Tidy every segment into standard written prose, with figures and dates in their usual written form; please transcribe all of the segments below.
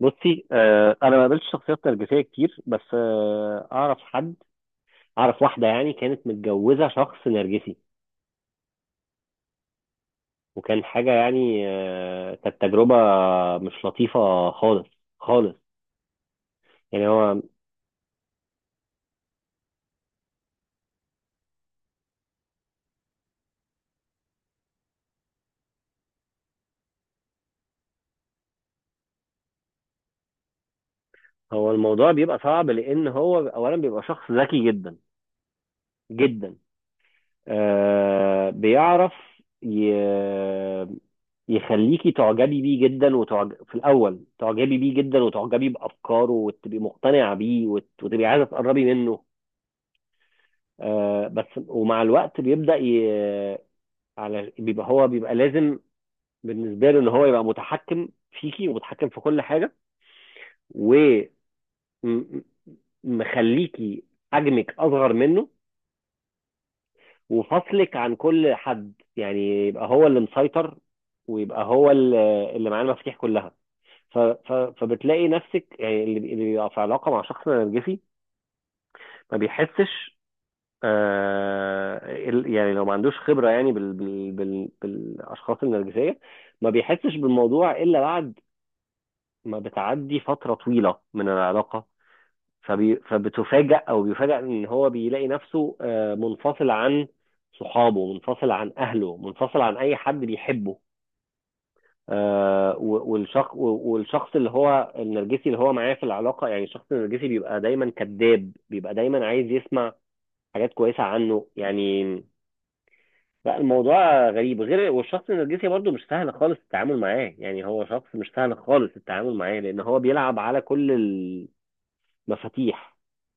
بصي انا ما قابلتش شخصيات نرجسيه كتير، بس اعرف واحده، يعني كانت متجوزه شخص نرجسي، وكان حاجه، يعني كانت تجربه مش لطيفه خالص خالص. يعني هو الموضوع بيبقى صعب، لان هو اولا بيبقى شخص ذكي جدا جدا. بيعرف ي... يخليكي تعجبي بيه جدا، في الاول تعجبي بيه جدا، وتعجبي بافكاره، وتبقي مقتنعه بيه، وتبقي عايزه تقربي منه. بس ومع الوقت بيبدأ، ي... على بيبقى هو بيبقى لازم بالنسبة له ان هو يبقى متحكم فيكي، ومتحكم في كل حاجة، ومخليكي حجمك اصغر منه، وفصلك عن كل حد، يعني يبقى هو اللي مسيطر، ويبقى هو اللي معاه المفاتيح كلها. فبتلاقي نفسك، يعني اللي بيبقى في علاقة مع شخص نرجسي ما بيحسش، آه، يعني لو ما عندوش خبرة يعني بالأشخاص النرجسية، ما بيحسش بالموضوع إلا بعد ما بتعدي فترة طويلة من العلاقة، فبتفاجأ أو بيفاجأ إن هو بيلاقي نفسه، منفصل عن صحابه، منفصل عن أهله، منفصل عن أي حد بيحبه. والشخص اللي هو النرجسي، اللي هو معاه في العلاقة، يعني الشخص النرجسي بيبقى دايما كذاب، بيبقى دايما عايز يسمع حاجات كويسة عنه. يعني لا، الموضوع غريب غير، والشخص النرجسي برضو مش سهل خالص التعامل معاه، يعني هو شخص مش سهل خالص التعامل معاه، لان هو بيلعب على كل المفاتيح،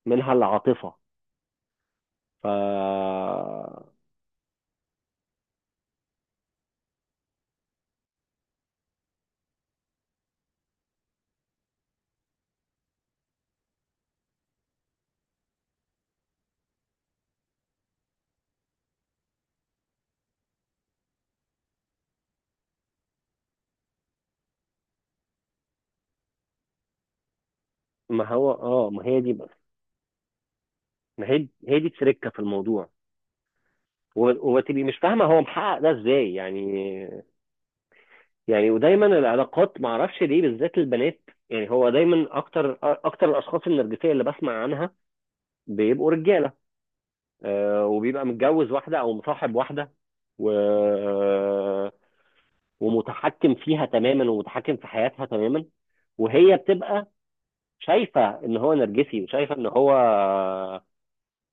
منها العاطفة. ف ما هو اه ما هي دي بقى ما هي دي تركة في الموضوع، وتبقي مش فاهمة هو محقق ده ازاي، يعني ودايما العلاقات ما اعرفش ليه، بالذات البنات، يعني هو دايما اكتر الاشخاص النرجسية اللي بسمع عنها بيبقوا رجالة، وبيبقى متجوز واحدة او مصاحب واحدة، و... ومتحكم فيها تماما، ومتحكم في حياتها تماما، وهي بتبقى شايفه ان هو نرجسي، وشايفه ان هو، آه،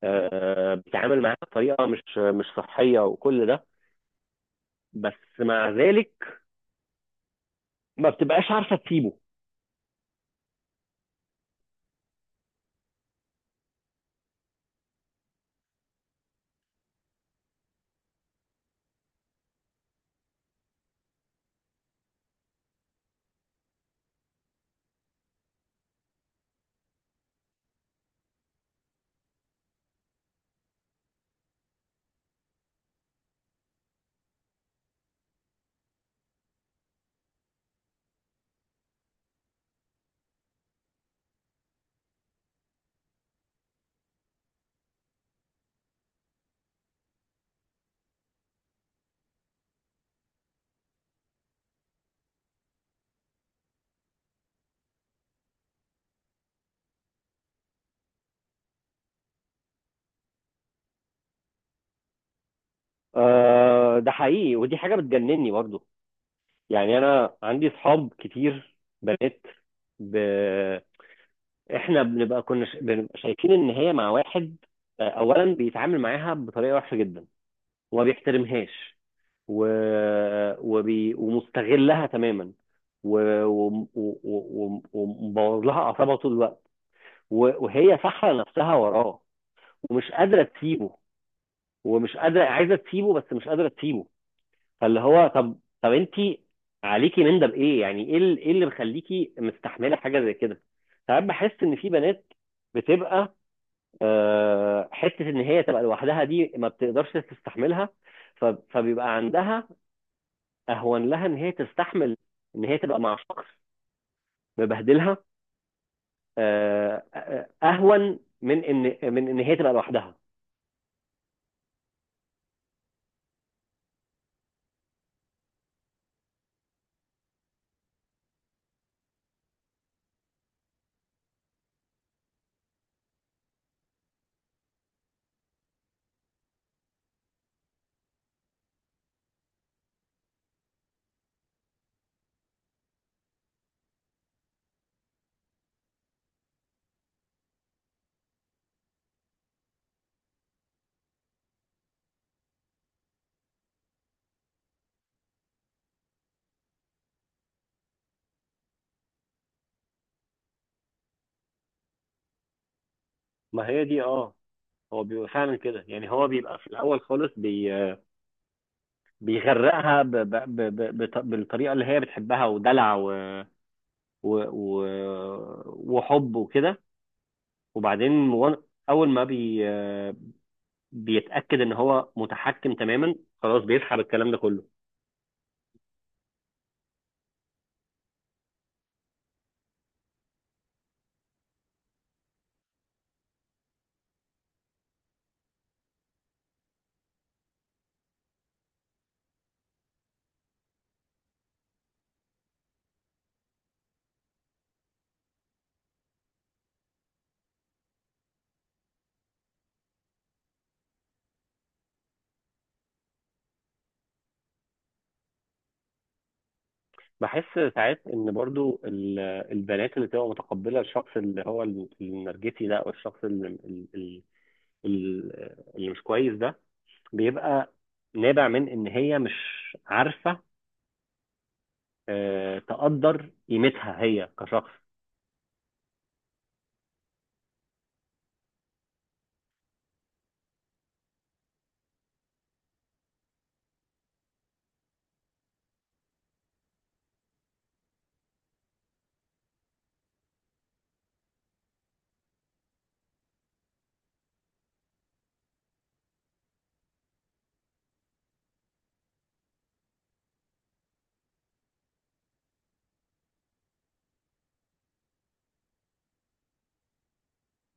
آه، بيتعامل معاها بطريقه مش صحيه، وكل ده، بس مع ذلك ما بتبقاش عارفه تسيبه. ده حقيقي، ودي حاجه بتجنني برضه، يعني انا عندي اصحاب كتير، بنات، ب... احنا بنبقى، شايفين ان هي مع واحد، اولا بيتعامل معاها بطريقه وحشه جدا، وما بيحترمهاش، و... ومستغلها تماما، ومبوظ، ومبوظ لها اعصابها طول الوقت، و... وهي سحله نفسها وراه، ومش قادره تسيبه، ومش قادره، عايزه تسيبه بس مش قادره تسيبه. فاللي هو، طب طب انت عليكي من ده بايه، يعني ايه، ايه اللي مخليكي مستحمله حاجه زي كده؟ ساعات بحس ان في بنات بتبقى، حته ان هي تبقى لوحدها دي ما بتقدرش تستحملها، ف- فبيبقى عندها اهون لها ان هي تستحمل، ان هي تبقى مع شخص مبهدلها، اهون من ان هي تبقى لوحدها. ما هي دي، هو بيبقى فعلا كده، يعني هو بيبقى في الاول خالص، بيغرقها بالطريقه اللي هي بتحبها، ودلع و... و... وحب، وكده، وبعدين، اول ما بيتاكد ان هو متحكم تماما، خلاص بيسحب الكلام ده كله. بحس ساعات ان برضو البنات اللي بتبقى متقبله الشخص اللي هو النرجسي ده، او الشخص اللي, اللي مش كويس ده، بيبقى نابع من ان هي مش عارفه، تقدر قيمتها هي كشخص.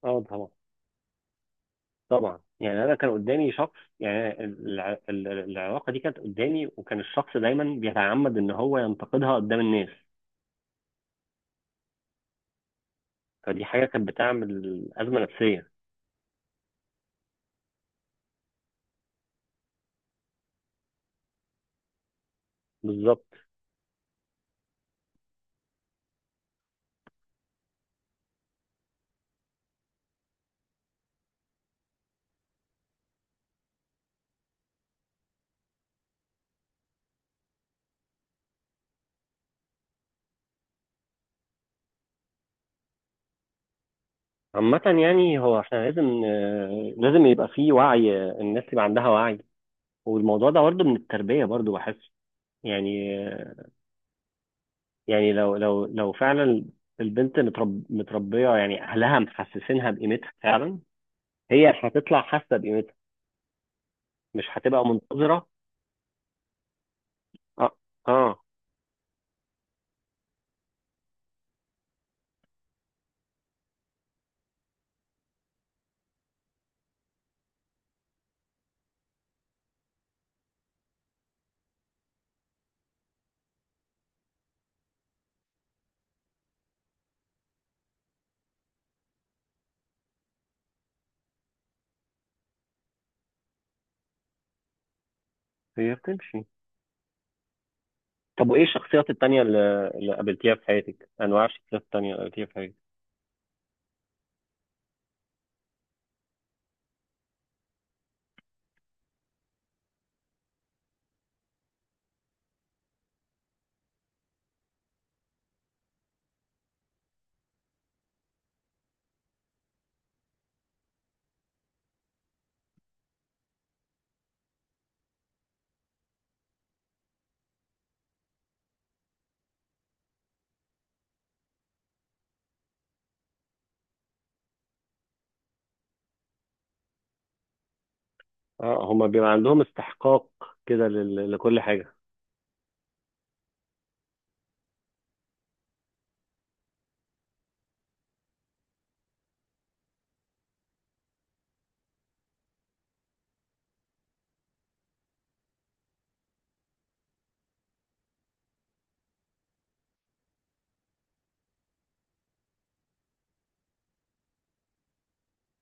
اه، طبعا، طبعا، يعني انا كان قدامي شخص، يعني العلاقه دي كانت قدامي، وكان الشخص دايما بيتعمد ان هو ينتقدها قدام الناس، فدي حاجه كانت بتعمل ازمه نفسيه. بالظبط. عامة يعني هو احنا لازم، لازم يبقى فيه وعي، الناس يبقى عندها وعي، والموضوع ده برضه من التربية برضه بحس، يعني، لو فعلا البنت، متربية، يعني أهلها محسسينها بقيمتها فعلا، هي هتطلع حاسة بقيمتها، مش هتبقى منتظرة. اه، اه، هي بتمشي. طب وإيه الشخصيات التانية اللي قابلتيها في حياتك؟ أنواع الشخصيات التانية اللي قابلتيها في حياتك؟ اه، هما بيبقى عندهم استحقاق كده، لكل حاجة.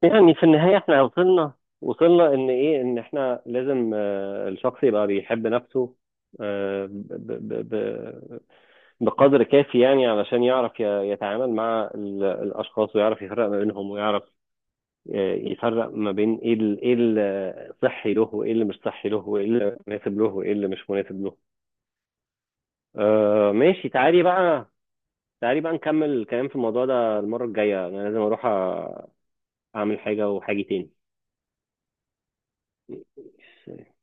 يعني في النهاية احنا وصلنا، ان ايه؟ ان احنا لازم، الشخص يبقى بيحب نفسه، آه، ب- ب- ب- بقدر كافي، يعني علشان يعرف، يتعامل مع الاشخاص، ويعرف يفرق ما بينهم، ويعرف، يفرق ما بين ايه، الصحي له، وايه اللي مش صحي له، وايه اللي مناسب له، وايه اللي مش مناسب له. ماشي، تعالي بقى، تعالي بقى نكمل الكلام في الموضوع ده المرة الجاية، انا لازم اروح، اعمل حاجة، وحاجة تاني.